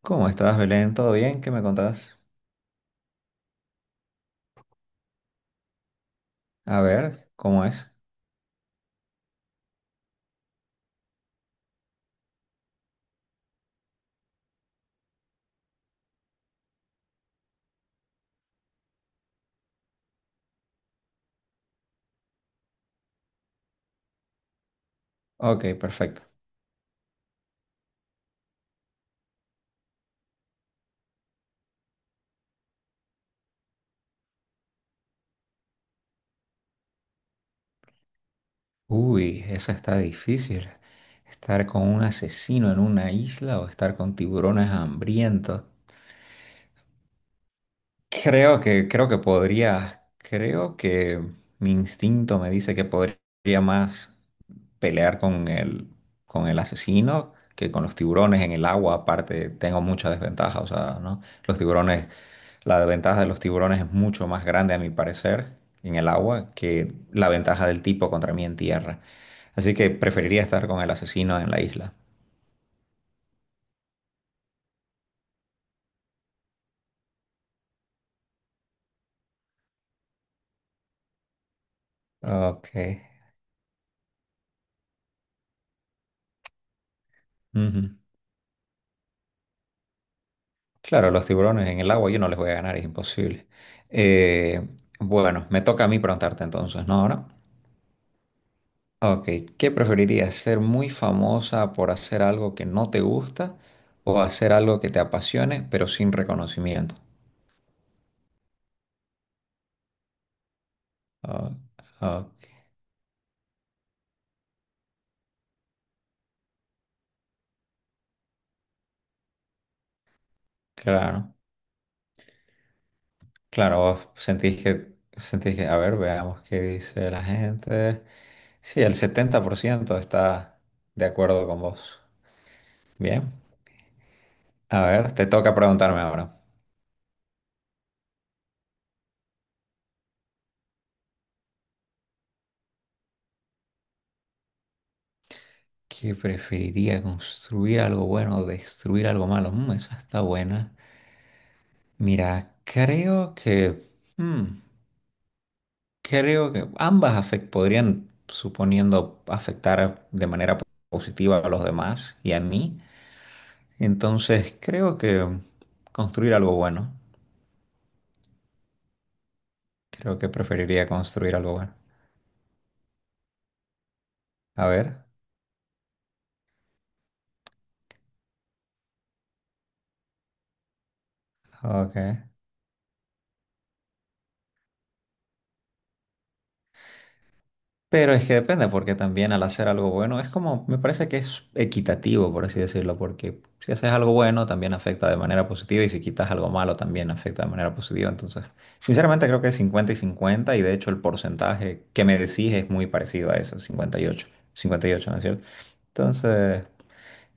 ¿Cómo estás, Belén? ¿Todo bien? ¿Qué me contás? A ver, ¿cómo es? Ok, perfecto. Uy, eso está difícil. Estar con un asesino en una isla o estar con tiburones hambrientos. Creo que podría, creo que mi instinto me dice que podría más pelear con el asesino que con los tiburones en el agua. Aparte, tengo mucha desventaja, o sea, ¿no? Los tiburones. La ventaja de los tiburones es mucho más grande, a mi parecer, en el agua que la ventaja del tipo contra mí en tierra. Así que preferiría estar con el asesino en la isla. Ok. Ujú. Claro, los tiburones en el agua yo no les voy a ganar, es imposible. Eh, bueno, me toca a mí preguntarte entonces, ¿no? Ahora. Ok, ¿qué preferirías? ¿Ser muy famosa por hacer algo que no te gusta o hacer algo que te apasione pero sin reconocimiento? Ah, ah, claro. Claro, vos sentís que, a ver, veamos qué dice la gente. Sí, el 70% está de acuerdo con vos. Bien, a ver, te toca preguntarme ahora. ¿Qué preferiría construir algo bueno o destruir algo malo? Mm, esa está buena. Mira, creo que, mm, creo que ambas podrían, suponiendo, afectar de manera positiva a los demás y a mí. Entonces, creo que construir algo bueno. Creo que preferiría construir algo bueno. A ver, ok. Pero es que depende, porque también al hacer algo bueno es como, me parece que es equitativo, por así decirlo, porque si haces algo bueno también afecta de manera positiva y si quitas algo malo también afecta de manera positiva. Entonces, sinceramente creo que es 50 y 50 y de hecho el porcentaje que me decís es muy parecido a eso, 58, 58, ¿no es cierto? Entonces,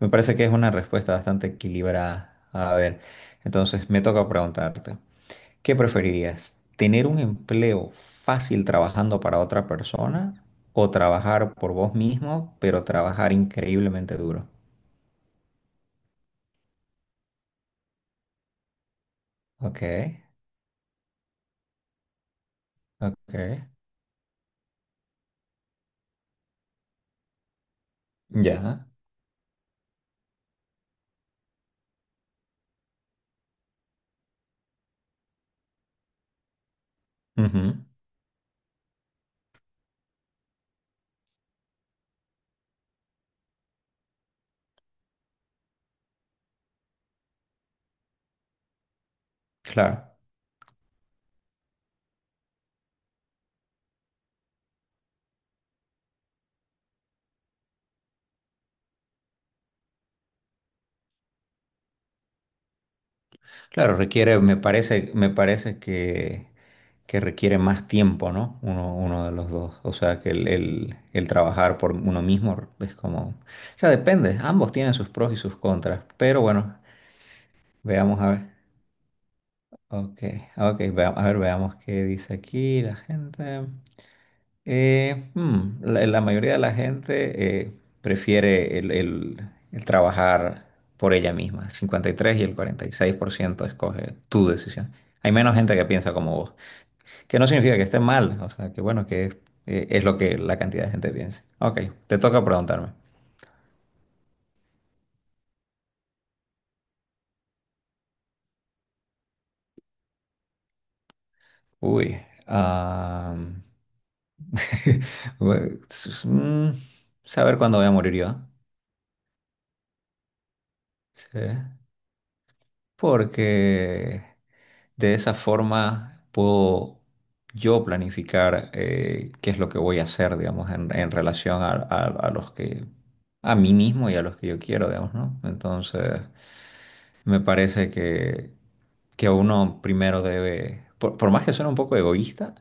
me parece que es una respuesta bastante equilibrada. A ver, entonces me toca preguntarte. ¿Qué preferirías? ¿Tener un empleo fácil trabajando para otra persona o trabajar por vos mismo, pero trabajar increíblemente duro? Ok, ok, ya. Ujú. Claro, claro, requiere, me parece que requiere más tiempo, ¿no? Uno, uno de los dos. O sea, que el trabajar por uno mismo es como... O sea, depende, ambos tienen sus pros y sus contras, pero bueno, veamos a ver. Ok, ok, a ver, veamos qué dice aquí la gente. La mayoría de la gente prefiere el trabajar por ella misma. El 53% y el 46% escoge tu decisión. Hay menos gente que piensa como vos, que no significa que esté mal, o sea, que bueno, que es lo que la cantidad de gente piensa. Ok, te toca preguntarme. Uy, ah, bueno, saber cuándo voy a morir yo. Sí. Porque de esa forma puedo yo planificar qué es lo que voy a hacer, digamos, en relación a los que, a mí mismo y a los que yo quiero, digamos, ¿no? Entonces, me parece que uno primero debe, por más que suene un poco egoísta,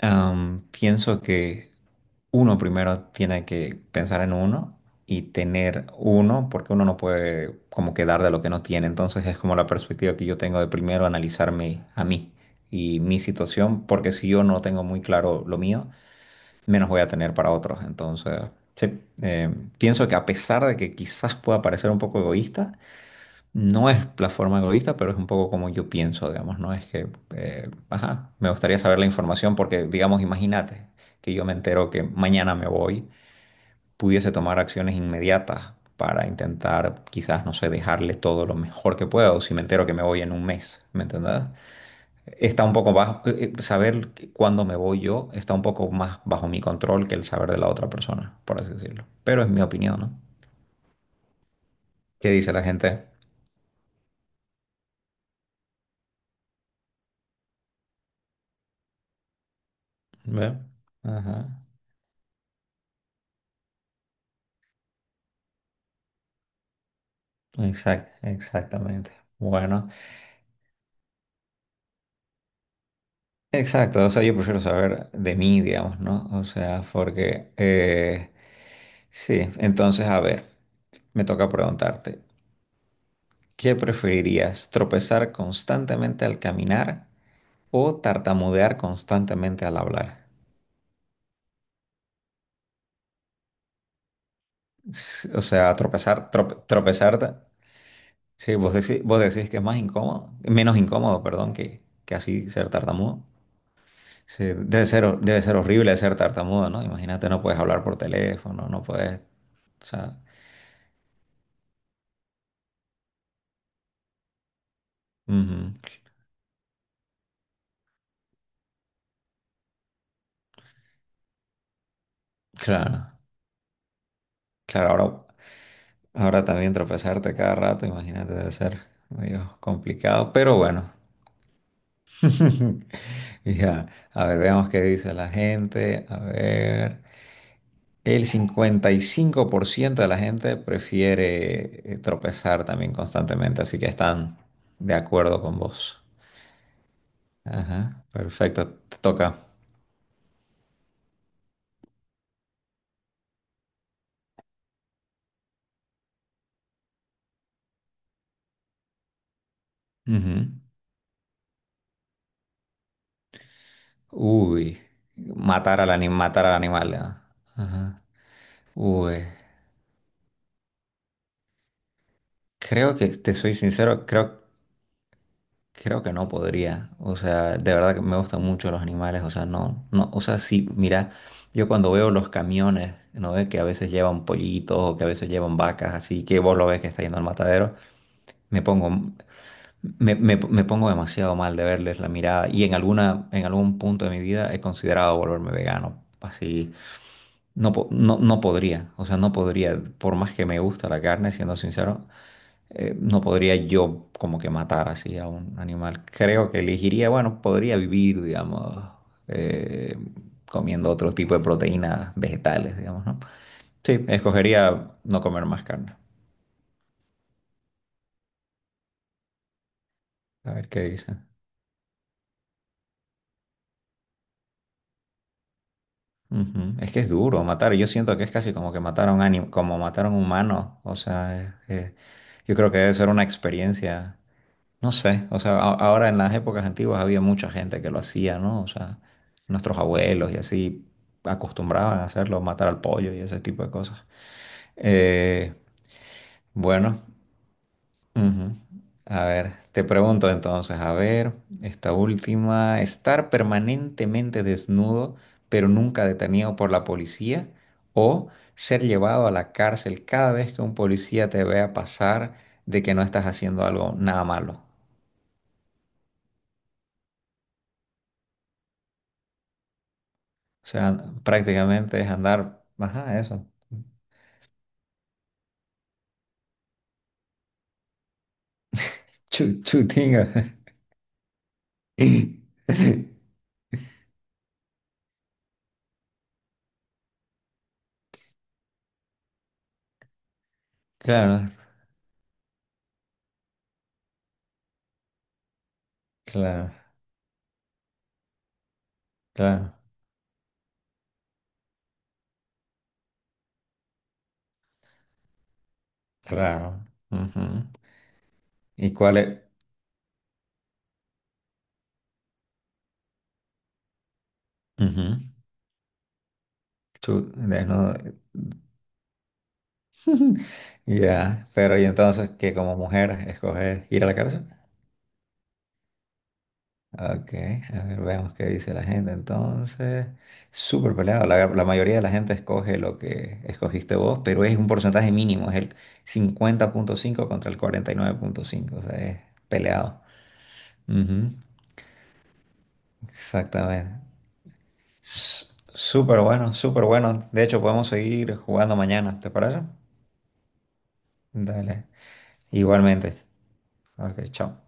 pienso que uno primero tiene que pensar en uno y tener uno, porque uno no puede como quedar de lo que no tiene. Entonces es como la perspectiva que yo tengo de primero analizarme a mí y mi situación, porque si yo no tengo muy claro lo mío, menos voy a tener para otros. Entonces, sí, pienso que a pesar de que quizás pueda parecer un poco egoísta, no es la forma egoísta, pero es un poco como yo pienso, digamos, ¿no? Es que, ajá, me gustaría saber la información porque, digamos, imagínate que yo me entero que mañana me voy, pudiese tomar acciones inmediatas para intentar quizás, no sé, dejarle todo lo mejor que pueda o si me entero que me voy en un mes, ¿me entendés? Está un poco bajo, saber cuándo me voy yo está un poco más bajo mi control que el saber de la otra persona, por así decirlo. Pero es mi opinión, ¿no? ¿Qué dice la gente? ¿Ve? Ajá. Exactamente. Bueno. Exacto, o sea, yo prefiero saber de mí, digamos, ¿no? O sea, porque, sí, entonces, a ver, me toca preguntarte, ¿qué preferirías, tropezar constantemente al caminar o tartamudear constantemente al hablar? O sea, tropezarte, sí, vos decís que es más incómodo, menos incómodo, perdón, que así ser tartamudo. Sí, debe ser, debe ser horrible ser tartamudo, ¿no? Imagínate, no puedes hablar por teléfono, no puedes... O sea, ujú. Claro, claro, ahora, ahora también tropezarte cada rato, imagínate, debe ser medio complicado, pero bueno. Ya, a ver, veamos qué dice la gente. A ver, el 55% de la gente prefiere tropezar también constantemente, así que están de acuerdo con vos. Ajá, perfecto, te toca. Ujú. Uy, matar al animal, matar al animal. Ah. Ajá. Uy. Creo que, te soy sincero, creo, creo que no podría. O sea, de verdad que me gustan mucho los animales. O sea, no, no, o sea, sí, mira, yo cuando veo los camiones, ¿no ves? Que a veces llevan pollitos o que a veces llevan vacas, así que vos lo ves que está yendo al matadero, me pongo, me pongo demasiado mal de verles la mirada. Y en en algún punto de mi vida he considerado volverme vegano. Así, no, no podría. O sea, no podría. Por más que me gusta la carne, siendo sincero, no podría yo como que matar así a un animal. Creo que elegiría, bueno, podría vivir, digamos, eh, comiendo otro tipo de proteínas vegetales, digamos, ¿no? Sí, escogería no comer más carne. A ver qué dice. Ujú. Es que es duro matar. Yo siento que es casi como que mataron a un como mataron humanos. O sea, yo creo que debe ser una experiencia. No sé, o sea, ahora en las épocas antiguas había mucha gente que lo hacía, ¿no? O sea, nuestros abuelos y así acostumbraban a hacerlo, matar al pollo y ese tipo de cosas. Eh, bueno, ujú. A ver, te pregunto entonces, a ver, esta última, estar permanentemente desnudo, pero nunca detenido por la policía, o ser llevado a la cárcel cada vez que un policía te vea pasar de que no estás haciendo algo nada malo. O sea, prácticamente es andar, ajá, eso, chutinga. Claro, claro, claro, claro. Ujú. ¿Y cuál es? Ujú, desnudo. Ya, pero y entonces que como mujer escoges ir a la cárcel? Ok, a ver, veamos qué dice la gente entonces. Súper peleado. La mayoría de la gente escoge lo que escogiste vos, pero es un porcentaje mínimo, es el 50,5% contra el 49,5%, o sea, es peleado. Ujú, exactamente. S- Súper bueno, súper bueno. De hecho, podemos seguir jugando mañana, ¿te parece? Dale. Igualmente. Ok, chao.